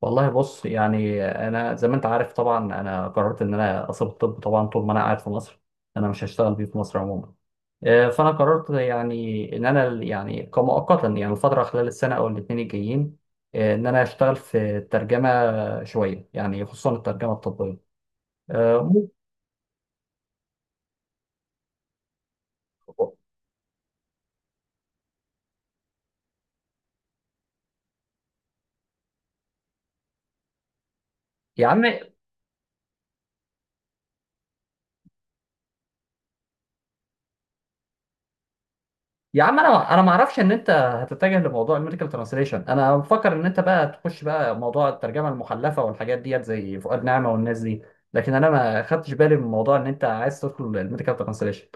والله بص يعني انا زي ما انت عارف طبعا انا قررت ان انا اسيب الطب طبعا طول ما انا قاعد في مصر، انا مش هشتغل بيه في مصر عموما. فانا قررت يعني ان انا يعني كمؤقتا يعني الفتره خلال السنه او الاثنين الجايين، ان انا اشتغل في الترجمه شويه يعني خصوصا الترجمه الطبيه. آه، ممكن- يا عم. يا عم انا ما اعرفش ان انت هتتجه لموضوع الميديكال ترانسليشن، انا مفكر ان انت بقى تخش بقى موضوع الترجمه المحلفه والحاجات ديت زي فؤاد نعمه والناس دي، لكن انا ما خدتش بالي من موضوع ان انت عايز تدخل الميديكال ترانسليشن.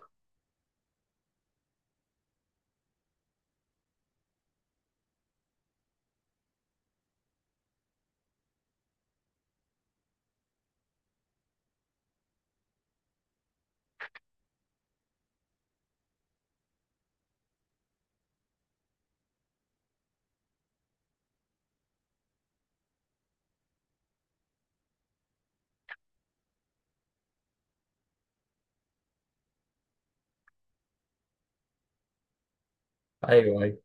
ايوه، ايوه.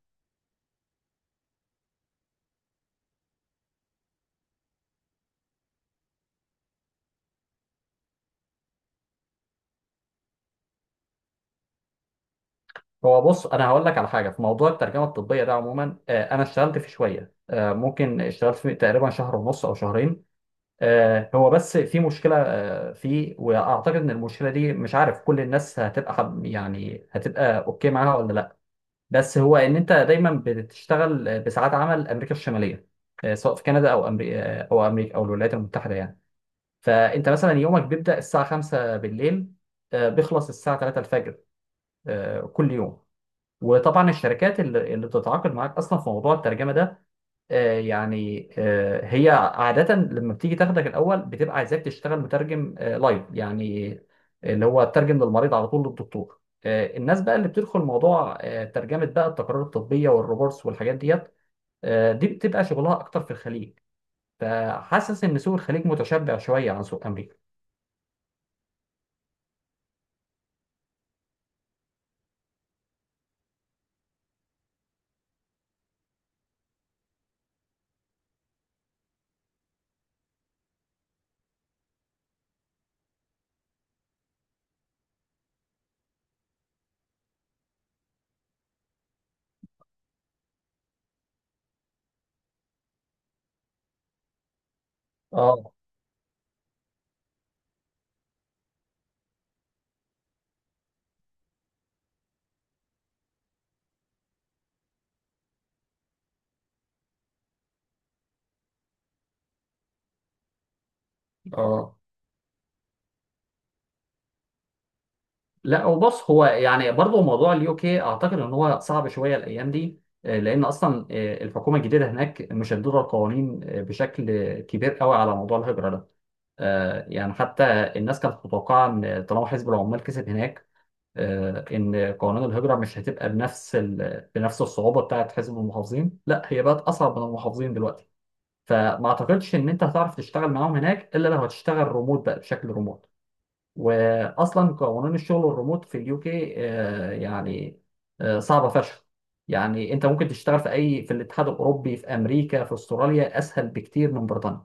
هو بص، انا هقول لك على حاجه في موضوع الترجمه الطبيه ده عموما. انا اشتغلت فيه شويه، ممكن اشتغلت فيه تقريبا شهر ونص او شهرين. هو بس في مشكله فيه، واعتقد ان المشكله دي مش عارف كل الناس هتبقى هتبقى اوكي معاها ولا لا. بس هو ان انت دايما بتشتغل بساعات عمل امريكا الشماليه، سواء في كندا او امريكا او امريكا او الولايات المتحده يعني. فانت مثلا يومك بيبدا الساعه 5 بالليل، بيخلص الساعه 3 الفجر، كل يوم. وطبعا الشركات اللي بتتعاقد معاك اصلا في موضوع الترجمه ده، هي عادة لما بتيجي تاخدك الأول بتبقى عايزاك تشتغل مترجم لايف يعني، اللي هو ترجم للمريض على طول للدكتور. الناس بقى اللي بتدخل موضوع ترجمة بقى التقارير الطبية والروبورتس والحاجات ديت، دي بتبقى شغلها أكتر في الخليج. فحاسس إن سوق الخليج متشبع شوية عن سوق أمريكا. اه. اه. لا، هو بص، هو يعني برضه موضوع اليو كي اعتقد ان هو صعب شويه الايام دي، لان اصلا الحكومه الجديده هناك مشدده القوانين بشكل كبير قوي على موضوع الهجره ده. يعني حتى الناس كانت متوقعه ان طالما حزب العمال كسب هناك، ان قوانين الهجره مش هتبقى بنفس بنفس الصعوبه بتاعت حزب المحافظين، لا هي بقت اصعب من المحافظين دلوقتي. فما اعتقدش ان انت هتعرف تشتغل معاهم هناك الا لو هتشتغل ريموت بقى، بشكل ريموت. واصلا قوانين الشغل الريموت في اليو كي صعبه فشخ. يعني انت ممكن تشتغل في اي في الاتحاد الاوروبي في امريكا في استراليا اسهل بكتير من بريطانيا.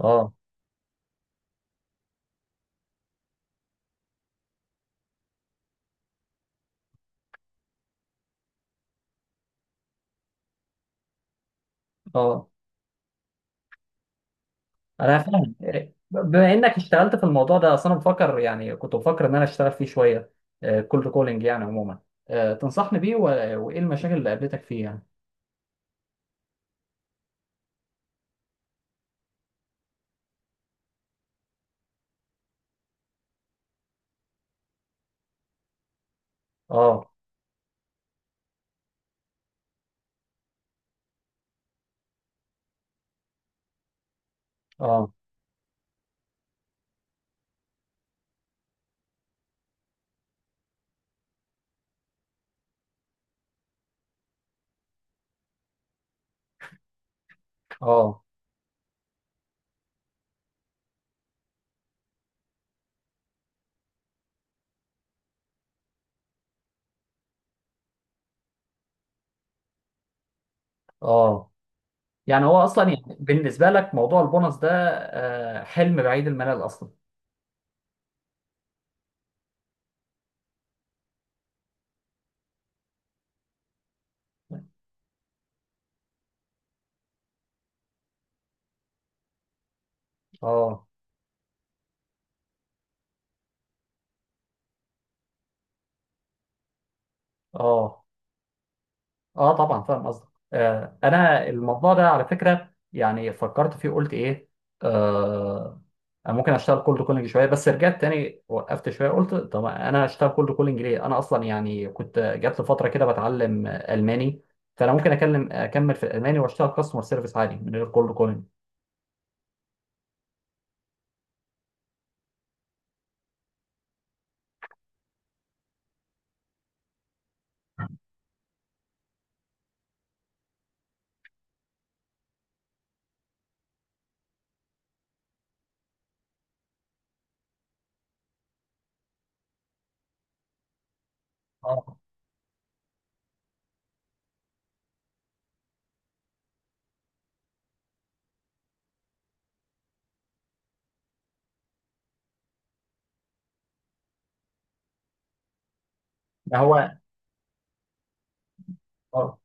اه. اه. انا فاهم. بما انك اشتغلت في الموضوع ده، اصل انا بفكر، يعني كنت بفكر ان انا اشتغل فيه شويه، كولد كولينج يعني عموما. تنصحني وايه المشاكل اللي قابلتك فيه يعني؟ اه. اه. اه. اه. يعني هو اصلا يعني بالنسبه لك موضوع البونص ده حلم بعيد المنال اصلا. اه. اه. اه طبعا فاهم قصدك. آه، انا الموضوع ده على فكره يعني فكرت فيه قلت ايه، آه أنا ممكن اشتغل كولد كولينج شويه، بس رجعت تاني وقفت شويه قلت طب انا اشتغل كولد كولينج ليه، انا اصلا يعني كنت جات لي فتره كده بتعلم الماني. فانا ممكن اكمل في الالماني واشتغل كاستمر سيرفيس عادي من غير كولد كولينج. اه. ما هو. اه.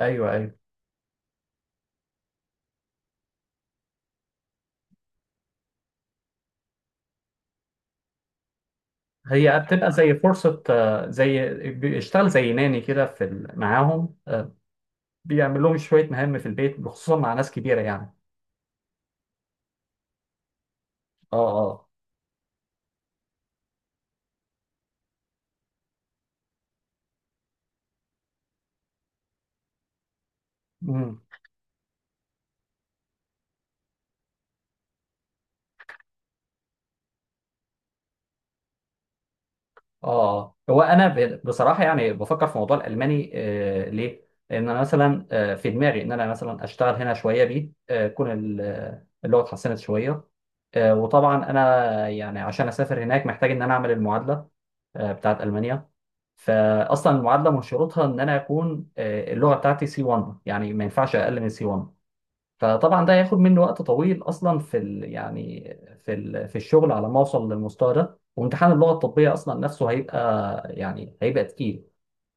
ايوه ايوه، هي بتبقى زي فرصه، زي بيشتغل زي ناني كده معاهم، بيعمل لهم شويه مهام في البيت خصوصا مع ناس كبيره يعني. اه. اه. امم. اه. آه. بصراحه يعني بفكر في موضوع الالماني. آه ليه؟ لان انا مثلا آه في دماغي ان انا مثلا اشتغل هنا شويه بيه، آه اللغه اتحسنت شويه. آه، وطبعا انا يعني عشان اسافر هناك محتاج ان انا اعمل المعادله آه بتاعت المانيا. فاصلا المعادله من شروطها ان انا اكون آه اللغه بتاعتي سي 1، يعني ما ينفعش اقل من سي 1. فطبعا ده هياخد مني وقت طويل اصلا في ال يعني في ال في الشغل على ما اوصل للمستوى ده، وامتحان اللغه الطبيه اصلا نفسه هيبقى يعني هيبقى تقيل.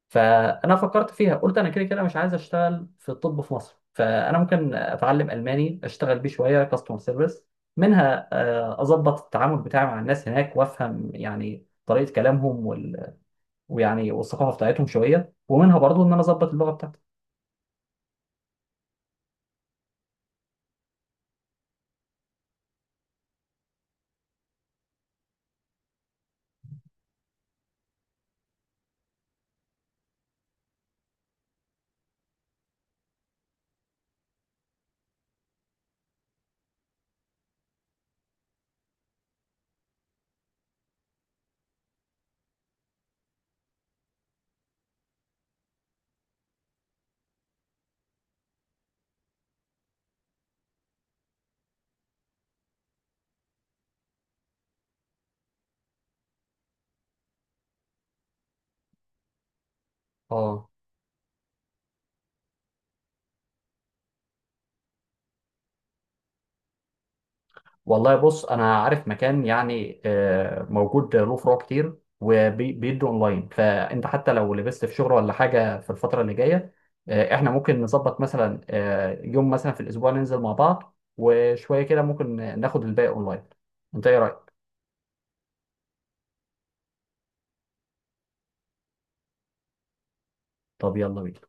فانا فكرت فيها قلت انا كده كده مش عايز اشتغل في الطب في مصر، فانا ممكن اتعلم الماني اشتغل بيه شويه كاستمر سيرفيس، منها اظبط التعامل بتاعي مع الناس هناك وافهم يعني طريقه كلامهم وال... ويعني والثقافه بتاعتهم شويه، ومنها برضو ان انا اظبط اللغه بتاعتي. اه. والله بص انا عارف مكان يعني موجود له فروع كتير وبيدوا اونلاين، فانت حتى لو لبست في شغل ولا حاجه في الفتره اللي جايه، احنا ممكن نظبط مثلا يوم مثلا في الاسبوع ننزل مع بعض، وشويه كده ممكن ناخد الباقي اونلاين. انت ايه رايك؟ طب يلا بينا.